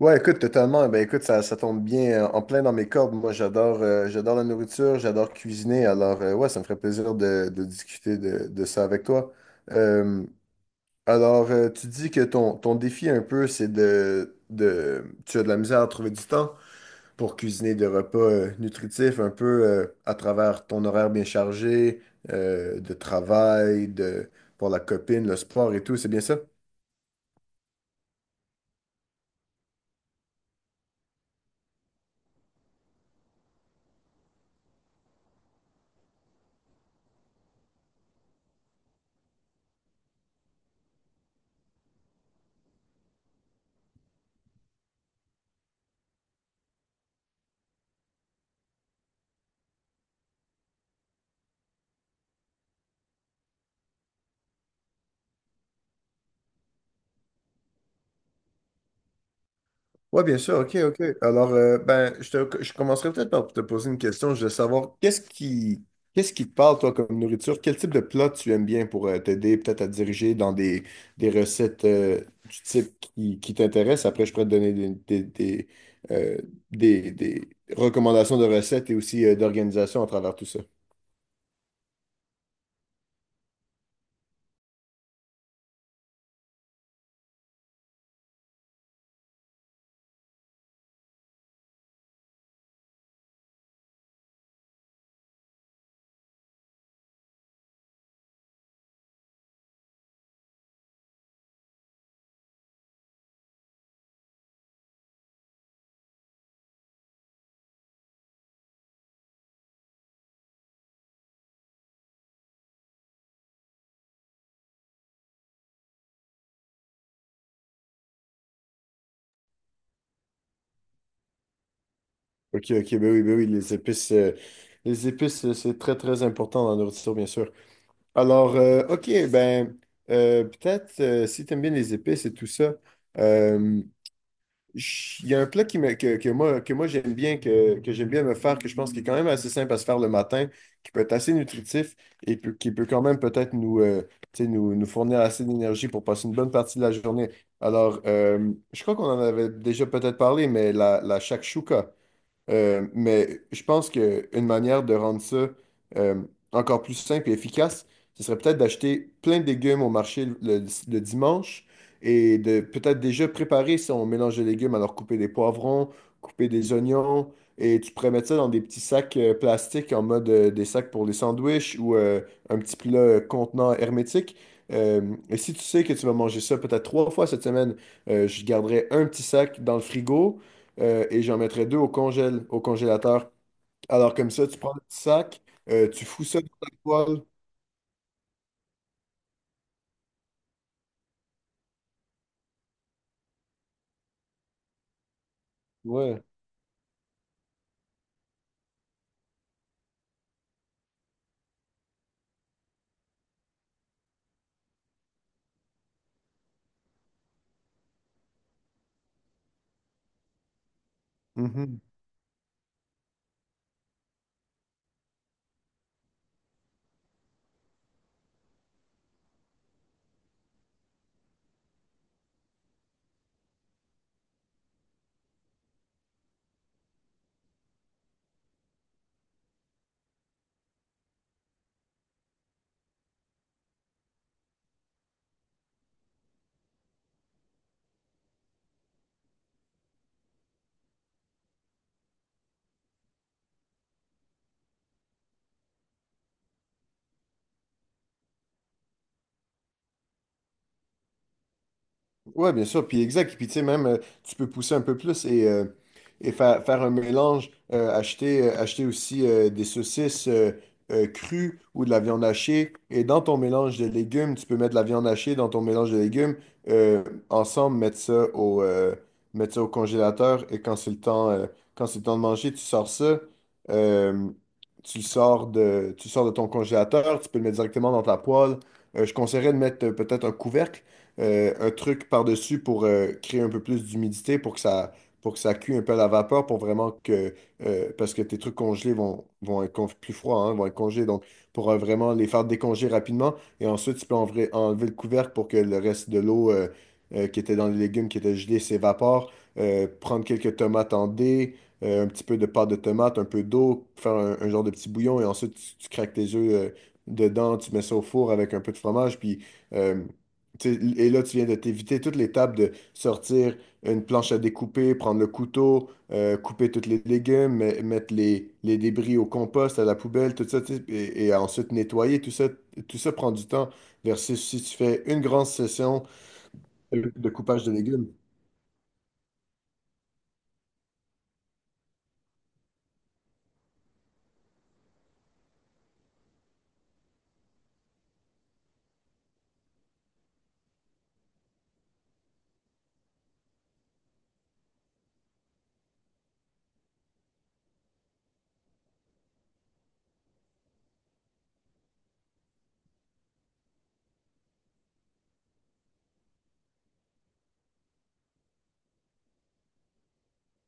Ouais, écoute, totalement. Ben, écoute, ça tombe bien en plein dans mes cordes. Moi, j'adore j'adore la nourriture, j'adore cuisiner. Alors, ouais, ça me ferait plaisir de discuter de ça avec toi. Euh, Tu dis que ton défi un peu, c'est de... Tu as de la misère à trouver du temps pour cuisiner des repas nutritifs un peu à travers ton horaire bien chargé, de travail, de, pour la copine, le sport et tout. C'est bien ça? Oui, bien sûr, ok, ok. Alors, ben, je commencerai peut-être par te poser une question. Je veux savoir, qu'est-ce qui te parle, toi, comme nourriture? Quel type de plat tu aimes bien pour t'aider peut-être à te diriger dans des recettes du type qui t'intéresse? Après, je pourrais te donner euh, des recommandations de recettes et aussi d'organisation à travers tout ça. Ok, ok, ben oui, les épices, les épices, c'est très, très important dans la nourriture, bien sûr. Alors, OK, ben, peut-être si tu aimes bien les épices et tout ça, euh, il y a un plat qui me- que moi j'aime bien, que j'aime bien me faire, que je pense qui est quand même assez simple à se faire le matin, qui peut être assez nutritif et qui peut quand même peut-être nous, tu sais, nous, nous fournir assez d'énergie pour passer une bonne partie de la journée. Alors, je crois qu'on en avait déjà peut-être parlé, mais la shakshuka. Mais je pense qu'une manière de rendre ça euh, encore plus simple et efficace, ce serait peut-être d'acheter plein de légumes au marché le dimanche et de peut-être déjà préparer son mélange de légumes, alors couper des poivrons, couper des oignons, et tu pourrais mettre ça dans des petits sacs plastiques en mode des sacs pour les sandwichs ou un petit plat contenant hermétique. Euh, et si tu sais que tu vas manger ça peut-être trois fois cette semaine, je garderai un petit sac dans le frigo et j'en mettrais deux au congèle, au congélateur. Alors comme ça, tu prends le petit sac, tu fous ça dans la poêle. Ouais. Mhm. Ouais, bien sûr, puis exact. Puis tu sais, même, tu peux pousser un peu plus et faire un mélange, acheter aussi des saucisses crues ou de la viande hachée. Et dans ton mélange de légumes, tu peux mettre de la viande hachée dans ton mélange de légumes. euh, ensemble, mettre ça au, mettre ça au congélateur et quand c'est le temps, quand c'est le temps de manger, tu sors ça. euh, Tu le sors de ton congélateur, tu peux le mettre directement dans ta poêle. Je conseillerais de mettre peut-être un couvercle un truc par-dessus pour créer un peu plus d'humidité, pour que ça cuit un peu à la vapeur, pour vraiment que parce que tes trucs congelés vont être plus froids, hein, vont être congelés, donc pour vraiment les faire décongeler rapidement. Et ensuite, tu peux enlever le couvercle pour que le reste de l'eau qui était dans les légumes, qui était gelée, s'évapore. Prendre quelques tomates en dés, un petit peu de pâte de tomate, un peu d'eau, faire un genre de petit bouillon, et ensuite, tu craques tes œufs dedans, tu mets ça au four avec un peu de fromage, puis... euh, Et là, tu viens de t'éviter toute l'étape de sortir une planche à découper, prendre le couteau, couper toutes les légumes, mettre les débris au compost, à la poubelle, tout ça, tu sais, et ensuite nettoyer, tout ça prend du temps versus si tu fais une grande session de coupage de légumes.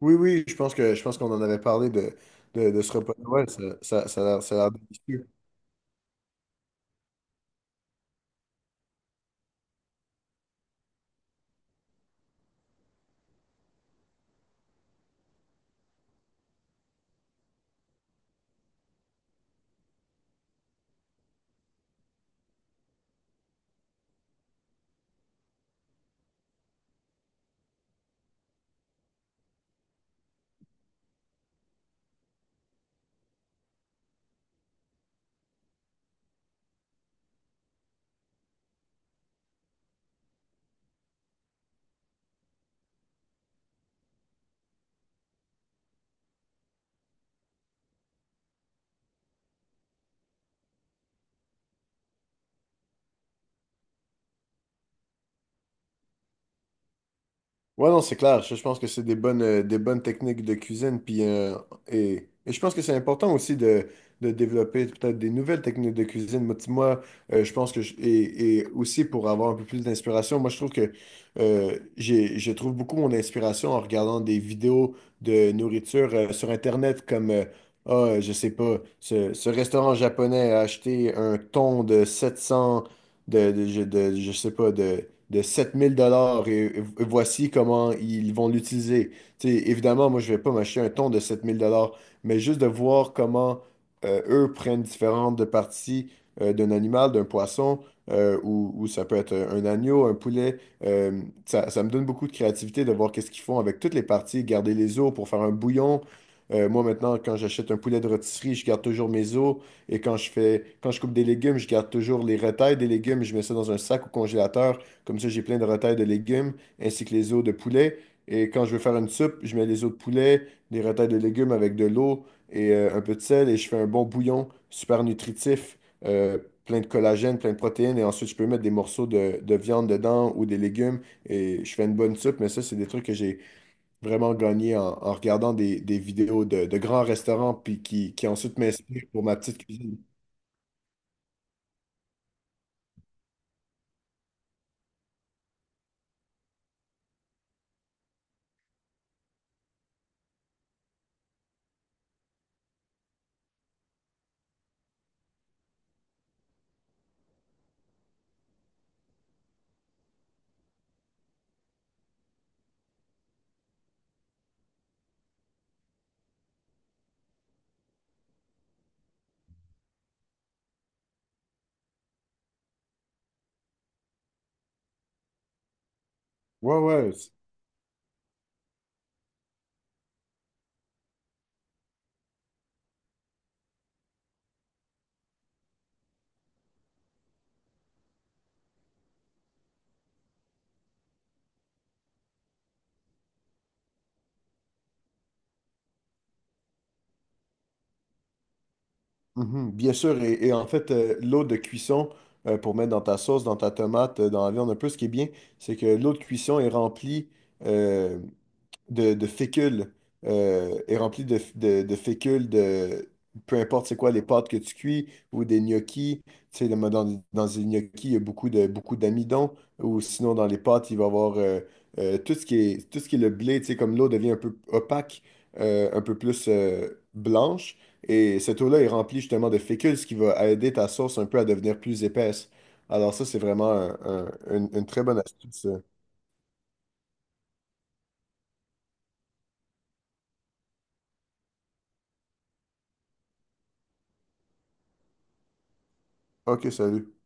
Oui, oui, je pense qu'on en avait parlé de ce repas. Ouais, ça a l'air délicieux. Ouais, non, c'est clair. Je pense que c'est des bonnes techniques de cuisine. Puis, et je pense que c'est important aussi de développer peut-être des nouvelles techniques de cuisine. Je pense et aussi pour avoir un peu plus d'inspiration, moi, je trouve que je trouve beaucoup mon inspiration en regardant des vidéos de nourriture sur Internet comme, ah, je sais pas, ce restaurant japonais a acheté un thon de 700, de, de, je de- je sais pas, de 7 000 $ et voici comment ils vont l'utiliser. Tu sais, évidemment, moi, je vais pas m'acheter un ton de 7000 dollars, mais juste de voir comment eux prennent différentes de parties d'un animal, d'un poisson, ou ça peut être un agneau, un poulet. Ça, ça me donne beaucoup de créativité de voir qu'est-ce qu'ils font avec toutes les parties, garder les os pour faire un bouillon. Moi, maintenant, quand j'achète un poulet de rôtisserie, je garde toujours mes os. Et quand je coupe des légumes, je garde toujours les retailles des légumes. Je mets ça dans un sac au congélateur. Comme ça, j'ai plein de retails de légumes ainsi que les os de poulet. Et quand je veux faire une soupe, je mets les os de poulet, des retails de légumes avec de l'eau et un peu de sel et je fais un bon bouillon super nutritif, euh, plein de collagène, plein de protéines. Et ensuite, je peux mettre des morceaux de viande dedans ou des légumes et je fais une bonne soupe. Mais ça, c'est des trucs que j'ai vraiment gagné en regardant des vidéos de grands restaurants puis qui ensuite m'inspirent pour ma petite cuisine. Ouais, ouais. Mhm, bien sûr, et en fait, l'eau de cuisson pour mettre dans ta sauce, dans ta tomate, dans la viande un peu, ce qui est bien, c'est que l'eau de cuisson est remplie euh, de fécule est rempli de fécule de peu importe c'est quoi les pâtes que tu cuis ou des gnocchis. Tu sais, dans les gnocchis, il y a beaucoup d'amidon. Ou sinon, dans les pâtes, il va y avoir tout ce qui est, tout ce qui est le blé. Tu sais, comme l'eau devient un peu opaque, un peu plus blanche. Et cette eau-là est remplie justement de fécule, ce qui va aider ta sauce un peu à devenir plus épaisse. Alors ça, c'est vraiment une très bonne astuce. Ok, salut.